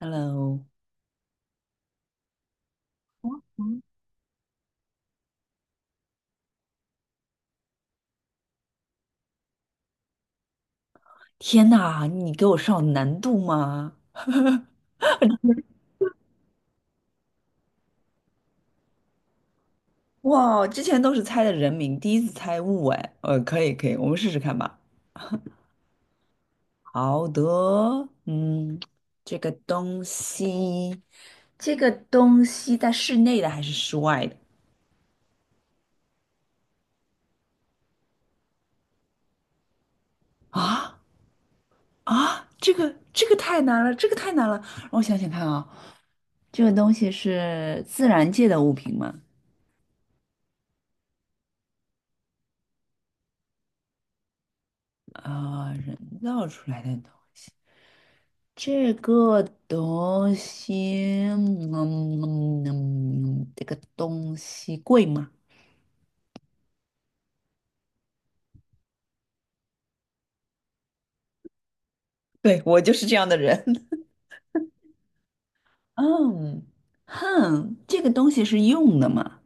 Hello，天呐，你给我上难度吗？哇，之前都是猜的人名，第一次猜物哎，可以可以，我们试试看吧。好的，嗯，这个东西，这个东西在室内的还是室外的？啊啊，这个太难了，这个太难了，让我想想看啊，这个东西是自然界的物品吗？啊、人造出来的东这个东西，这个东西贵吗？对，我就是这样的人。嗯，哼，这个东西是用的吗？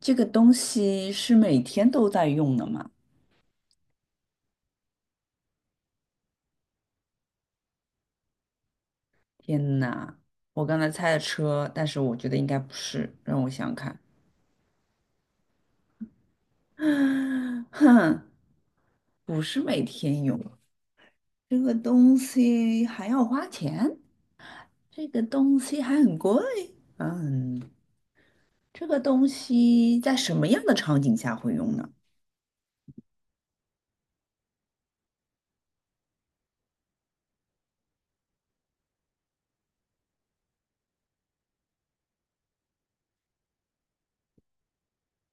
这个东西是每天都在用的吗？天哪，我刚才猜的车，但是我觉得应该不是，让我想想看。哼，不是每天用，这个东西还要花钱，这个东西还很贵。嗯。这个东西在什么样的场景下会用呢？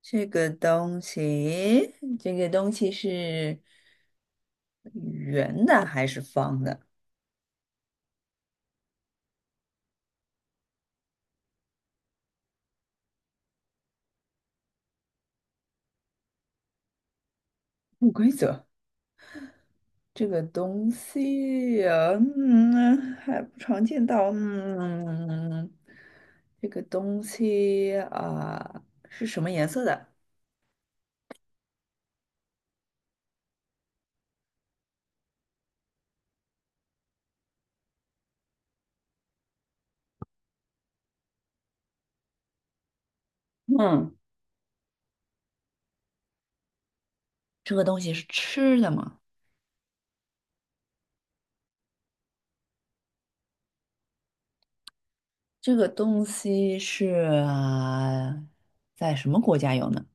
这个东西，这个东西是圆的还是方的？不规则。这个东西呀，嗯，还不常见到。嗯，这个东西啊，是什么颜色的？嗯，这个东西是吃的吗？这个东西啊在什么国家有呢？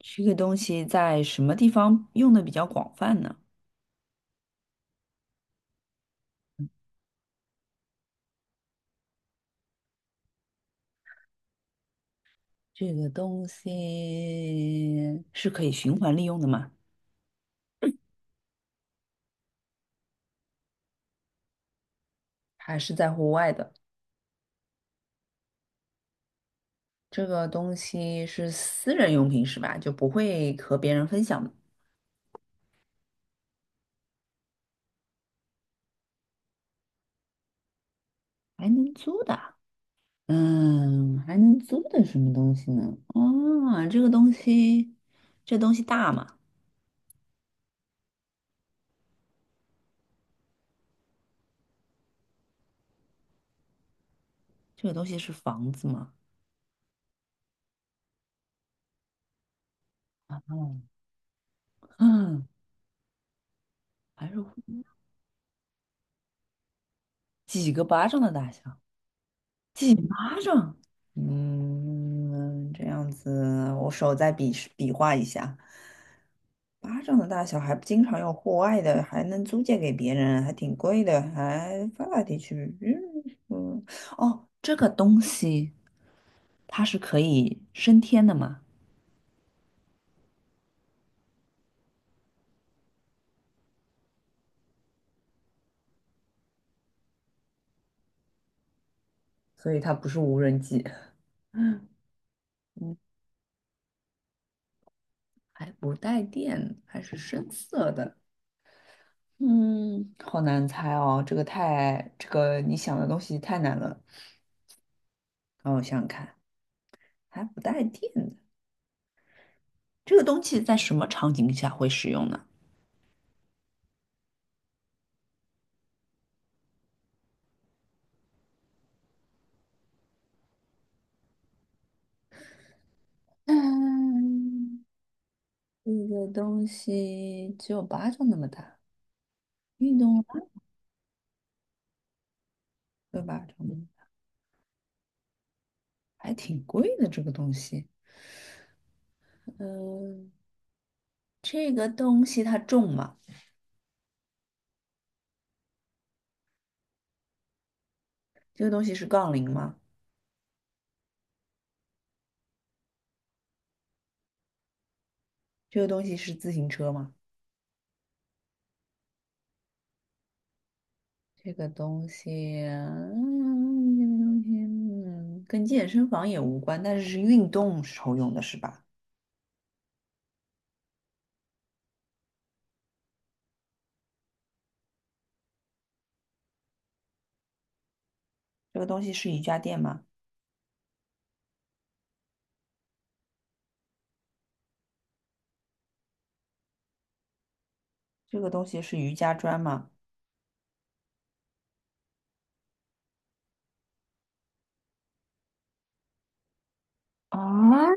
这个东西在什么地方用的比较广泛呢？这个东西是可以循环利用的吗？还是在户外的？这个东西是私人用品是吧？就不会和别人分享的，还能租的啊，嗯，还能租的什么东西呢？哦，这个东西，这东西大吗？这个东西是房子吗？哦，嗯，还是几个巴掌的大小？几巴掌？嗯，这样子，我手再比划一下。巴掌的大小还不经常用户外的，还能租借给别人，还挺贵的，还发达地区。嗯，哦，这个东西它是可以升天的嘛？所以它不是无人机。嗯，还不带电，还是深色的。嗯，好难猜哦，这个太，这个你想的东西太难了。让我想想看，还不带电的。这个东西在什么场景下会使用呢？嗯，这个东西只有巴掌那么大，运动对吧？还挺贵的这个东西。嗯，这个东西它重吗？这个东西是杠铃吗？这个东西是自行车吗？这个东西，嗯，跟健身房也无关，但是是运动时候用的是吧？这个东西是瑜伽垫吗？这个东西是瑜伽砖吗？啊，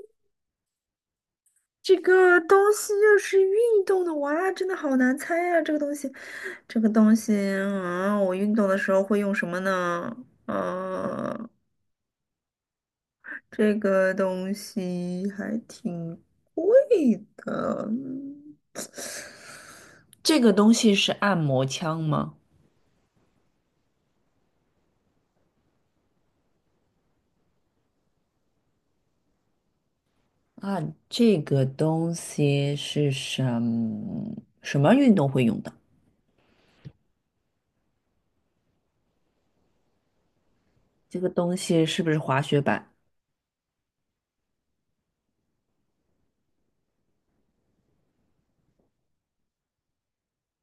这个东西又是运动的，哇，真的好难猜呀、这个东西，这个东西啊，我运动的时候会用什么呢？啊，这个东西还挺贵的。嗯，这个东西是按摩枪吗？啊，这个东西是什么运动会用的？这个东西是不是滑雪板？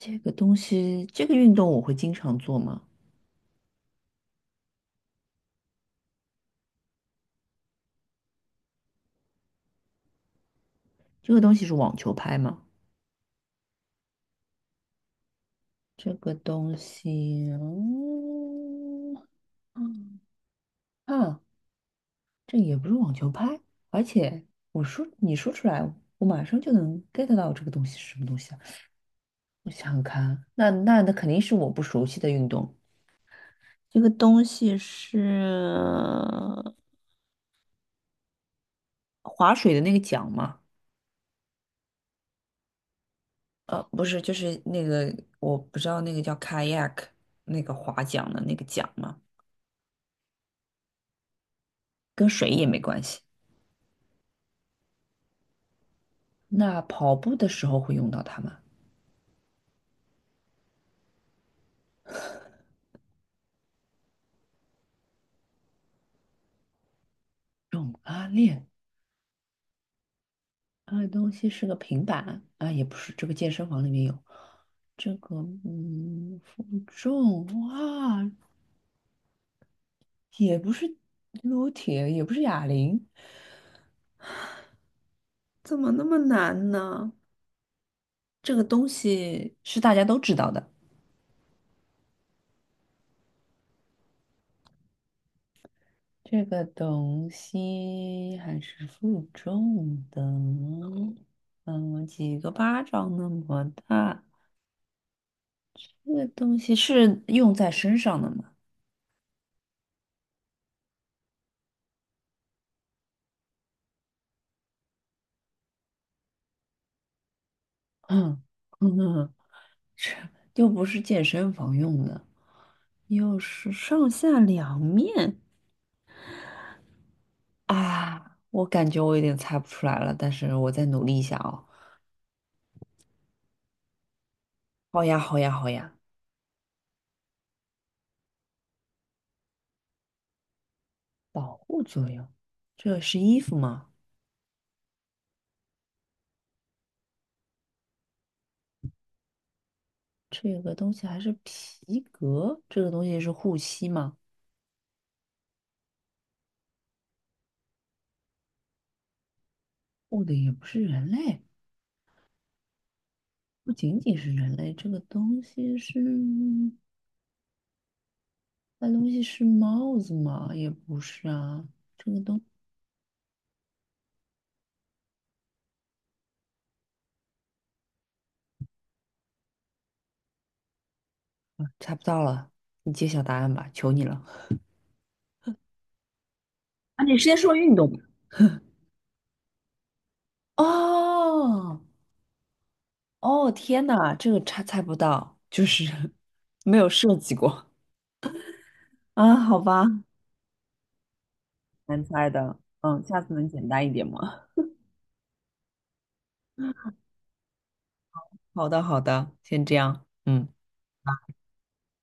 这个东西，这个运动我会经常做吗？这个东西是网球拍吗？这个东西，嗯，嗯啊，这也不是网球拍，而且我说你说出来，我马上就能 get 到这个东西是什么东西啊？我想想看啊，那肯定是我不熟悉的运动。这个东西是划水的那个桨吗？不是，就是那个我不知道那个叫 kayak 那个划桨的那个桨吗？跟水也没关系。那跑步的时候会用到它吗？用拉链。那个东西是个平板啊，也不是，这个健身房里面有这个，嗯，负重哇，也不是撸铁，也不是哑铃，怎么那么难呢？这个东西是大家都知道的，这个东西还是负重的，嗯，几个巴掌那么大，这个东西是用在身上的吗？嗯嗯，又不是健身房用的。又是上下两面啊！我感觉我有点猜不出来了，但是我再努力一下哦。好呀，好呀，好呀！保护作用，这是衣服吗？这个东西还是皮革？这个东西是护膝吗？护的也不是人类，不仅仅是人类，这个东西是……那东西是帽子吗？也不是啊，啊猜不到了，你揭晓答案吧，求你了。啊，你先说运动吧。哦，哦，天呐，这个猜猜不到，就是 没有设计过 啊，好吧，难猜的，嗯，下次能简单一点吗？好的，好的，先这样，嗯。